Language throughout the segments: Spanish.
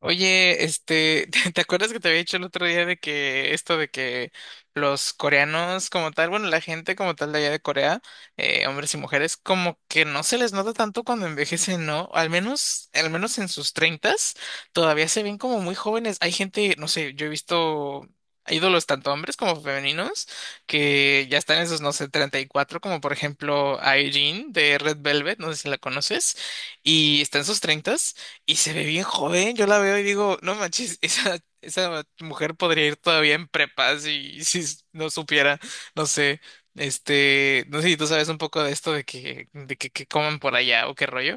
Oye, ¿te acuerdas que te había dicho el otro día de que esto de que los coreanos como tal? Bueno, la gente como tal de allá de Corea, hombres y mujeres, como que no se les nota tanto cuando envejecen, ¿no? Al menos en sus treintas, todavía se ven como muy jóvenes. Hay gente, no sé, yo he visto ídolos tanto hombres como femeninos que ya están en sus, no sé, 34, como por ejemplo Irene de Red Velvet, no sé si la conoces, y está en sus treintas. Y se ve bien joven, yo la veo y digo, no manches, esa mujer podría ir todavía en prepa si, si s- no supiera, no sé, no sé si tú sabes un poco de esto de que coman por allá o qué rollo.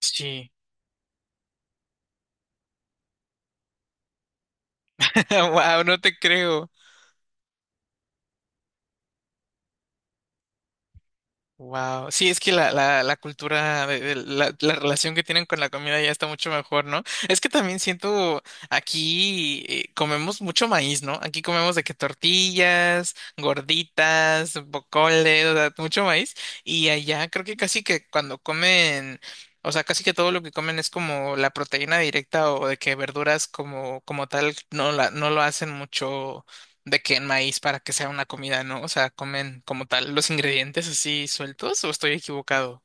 Sí. Wow, no te creo. Wow, sí, es que la cultura, la, la relación que tienen con la comida ya está mucho mejor, ¿no? Es que también siento aquí comemos mucho maíz, ¿no? Aquí comemos de que tortillas, gorditas, bocoles, o sea, mucho maíz. Y allá creo que casi que cuando comen, o sea, casi que todo lo que comen es como la proteína directa o de que verduras como, como tal no la, no lo hacen mucho de que en maíz para que sea una comida, ¿no? O sea, comen como tal los ingredientes así sueltos o estoy equivocado.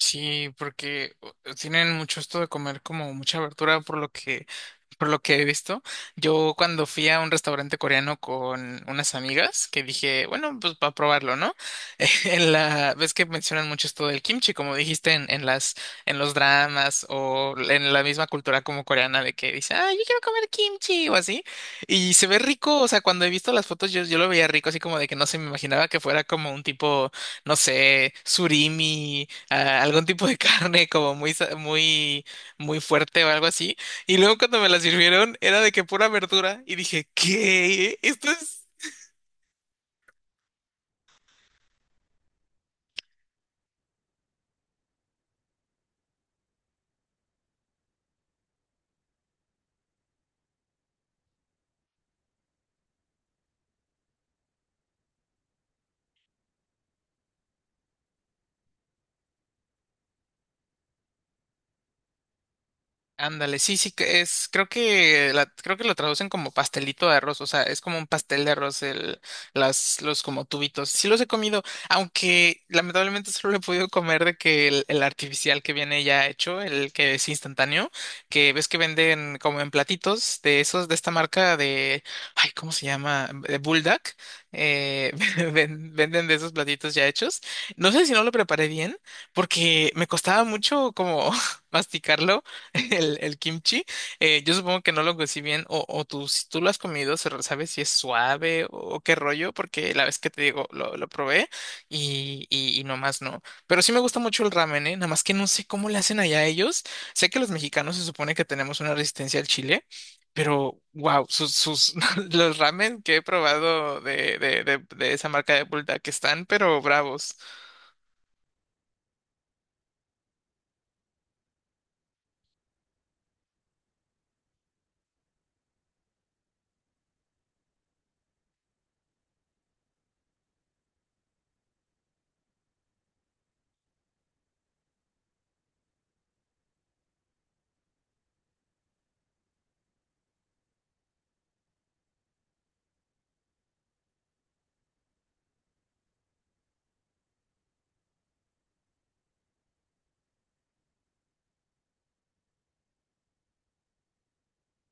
Sí, porque o- tienen mucho esto de comer como mucha verdura, por lo que he visto. Yo cuando fui a un restaurante coreano con unas amigas, que dije, bueno, pues para probarlo, ¿no? En la, ves que mencionan mucho esto del kimchi, como dijiste en las, en los dramas o en la misma cultura como coreana de que dice, ah, yo quiero comer kimchi o así. Y se ve rico, o sea, cuando he visto las fotos yo, yo lo veía rico, así como de que no se me imaginaba que fuera como un tipo, no sé, surimi, ah, algún tipo de carne como muy, sa- muy, muy fuerte o algo así. Y luego cuando me la sirvieron era de que pura verdura y dije, ¿qué? ¿Esto es Ándale, sí, sí, que es, creo que la, creo que lo traducen como pastelito de arroz, o sea, es como un pastel de arroz, el, las, los como tubitos. Sí los he comido, aunque lamentablemente solo lo he podido comer de que el artificial que viene ya hecho, el que es instantáneo, que ves que venden como en platitos de esos, de esta marca de, ay, ¿cómo se llama? De Bulldog, eh, ven- venden de esos platitos ya hechos. No sé si no lo preparé bien, porque me costaba mucho como masticarlo el kimchi. Yo supongo que no lo cocí bien, o tú, si tú lo has comido, se re- sabes si es suave o qué rollo, porque la vez que te digo, lo probé y nomás no. Pero sí me gusta mucho el ramen, ¿eh? Nada más que no sé cómo le hacen allá ellos. Sé que los mexicanos se supone que tenemos una resistencia al chile. Pero, wow, sus, sus, los ramen que he probado de esa marca de Bulldog que están, pero bravos.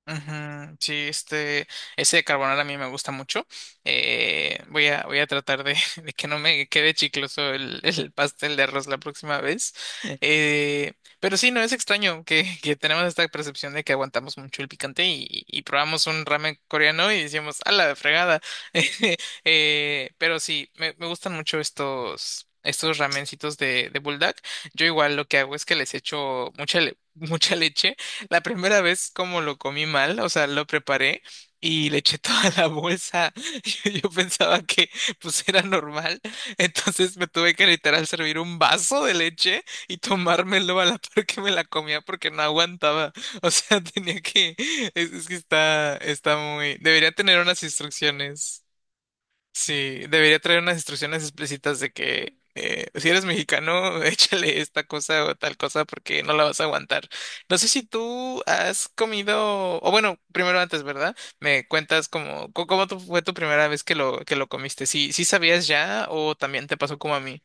Ujú, sí, ese de carbonara a mí me gusta mucho. Voy a, voy a tratar de, de que no me quede chicloso el pastel de arroz la próxima vez. Eh, pero sí, no es extraño que tenemos esta percepción de que aguantamos mucho el picante y, y probamos un ramen coreano y decimos, a la fregada. Pero sí, me gustan mucho estos, estos ramencitos de bulldog. Yo igual lo que hago es que les echo mucha, le- mucha leche. La primera vez como lo comí mal, o sea, lo preparé y le eché toda la bolsa. Yo pensaba que pues era normal, entonces me tuve que literal servir un vaso de leche y tomármelo a la par que me la comía porque no aguantaba. O sea, tenía que, es que está, está muy, debería tener unas instrucciones. Sí, debería traer unas instrucciones explícitas de que si eres mexicano, échale esta cosa o tal cosa porque no la vas a aguantar. No sé si tú has comido, o bueno, primero antes, ¿verdad? Me cuentas cómo, co- cómo tu- fue tu primera vez que lo comiste. ¿Sí, sí sabías ya o también te pasó como a mí?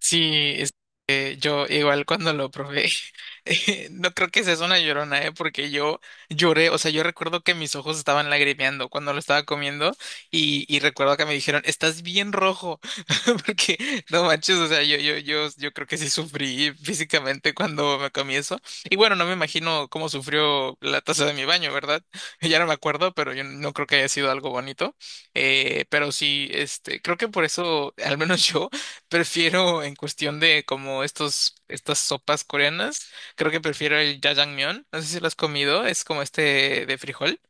Sí, yo igual cuando lo probé, no creo que sea una llorona, porque yo lloré, o sea, yo recuerdo que mis ojos estaban lagrimeando cuando lo estaba comiendo y recuerdo que me dijeron, estás bien rojo, porque no manches, o sea, yo creo que sí sufrí físicamente cuando me comí eso. Y bueno, no me imagino cómo sufrió la taza de mi baño, ¿verdad? Ya no me acuerdo, pero yo no creo que haya sido algo bonito. Pero sí, creo que por eso, al menos yo prefiero en cuestión de como estos, estas sopas coreanas, creo que prefiero el jajangmyeon. No sé si lo has comido, es como este de frijol.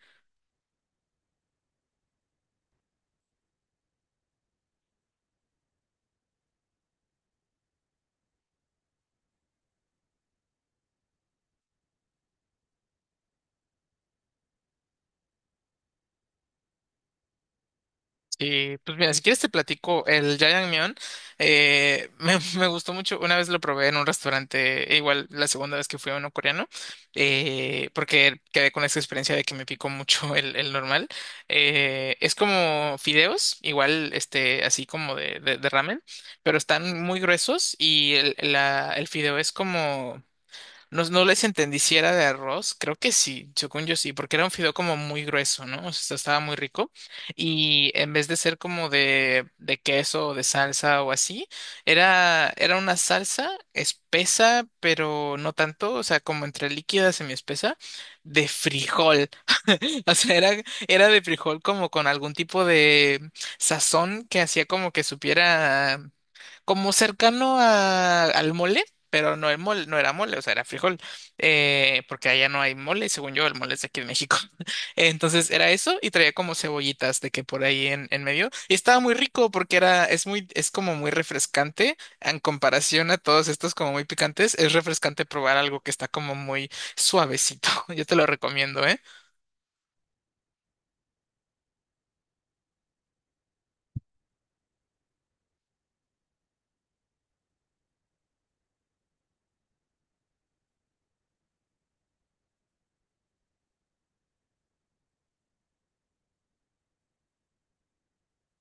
Y pues mira, si quieres te platico el Jajangmyeon. Me, me gustó mucho. Una vez lo probé en un restaurante, e igual la segunda vez que fui a uno coreano, porque quedé con esa experiencia de que me picó mucho el normal. Es como fideos, igual este, así como de ramen, pero están muy gruesos y el, la- el fideo es como no, no les entendí si era de arroz, creo que sí, según yo sí, porque era un fideo como muy grueso, ¿no? O sea, estaba muy rico. Y en vez de ser como de queso o de salsa o así, era, era una salsa espesa, pero no tanto, o sea, como entre líquida, semiespesa, de frijol. O sea, era, era de frijol como con algún tipo de sazón que hacía como que supiera como cercano a- al mole, pero no el mole, no era mole, o sea, era frijol, porque allá no hay mole, y según yo, el mole es de aquí en México. Entonces era eso y traía como cebollitas de que por ahí en medio. Y estaba muy rico porque era, es muy, es como muy refrescante en comparación a todos estos como muy picantes. Es refrescante probar algo que está como muy suavecito. Yo te lo recomiendo, ¿eh?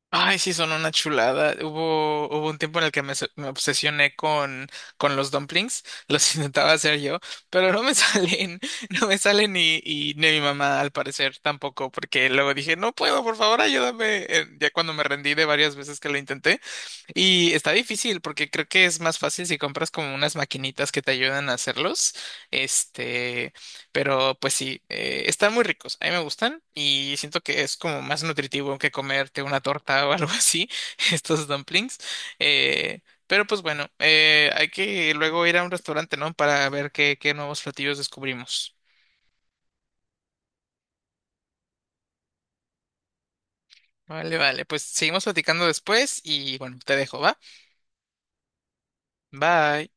Ay, sí, son una chulada. Hubo, hubo un tiempo en el que me, se- me obsesioné con los dumplings. Los intentaba hacer yo, pero no me salen, no me salen y ni mi mamá al parecer tampoco, porque luego dije, no puedo, por favor, ayúdame. Ya cuando me rendí de varias veces que lo intenté. Y está difícil porque creo que es más fácil si compras como unas maquinitas que te ayudan a hacerlos. Este, pero pues sí, están muy ricos. A mí me gustan y siento que es como más nutritivo que comerte una torta o algo así, estos dumplings. Eh, pero pues bueno, hay que luego ir a un restaurante, ¿no? Para ver qué, qué nuevos platillos descubrimos. Vale, vale, pues seguimos platicando después y bueno, te dejo, ¿va? Bye.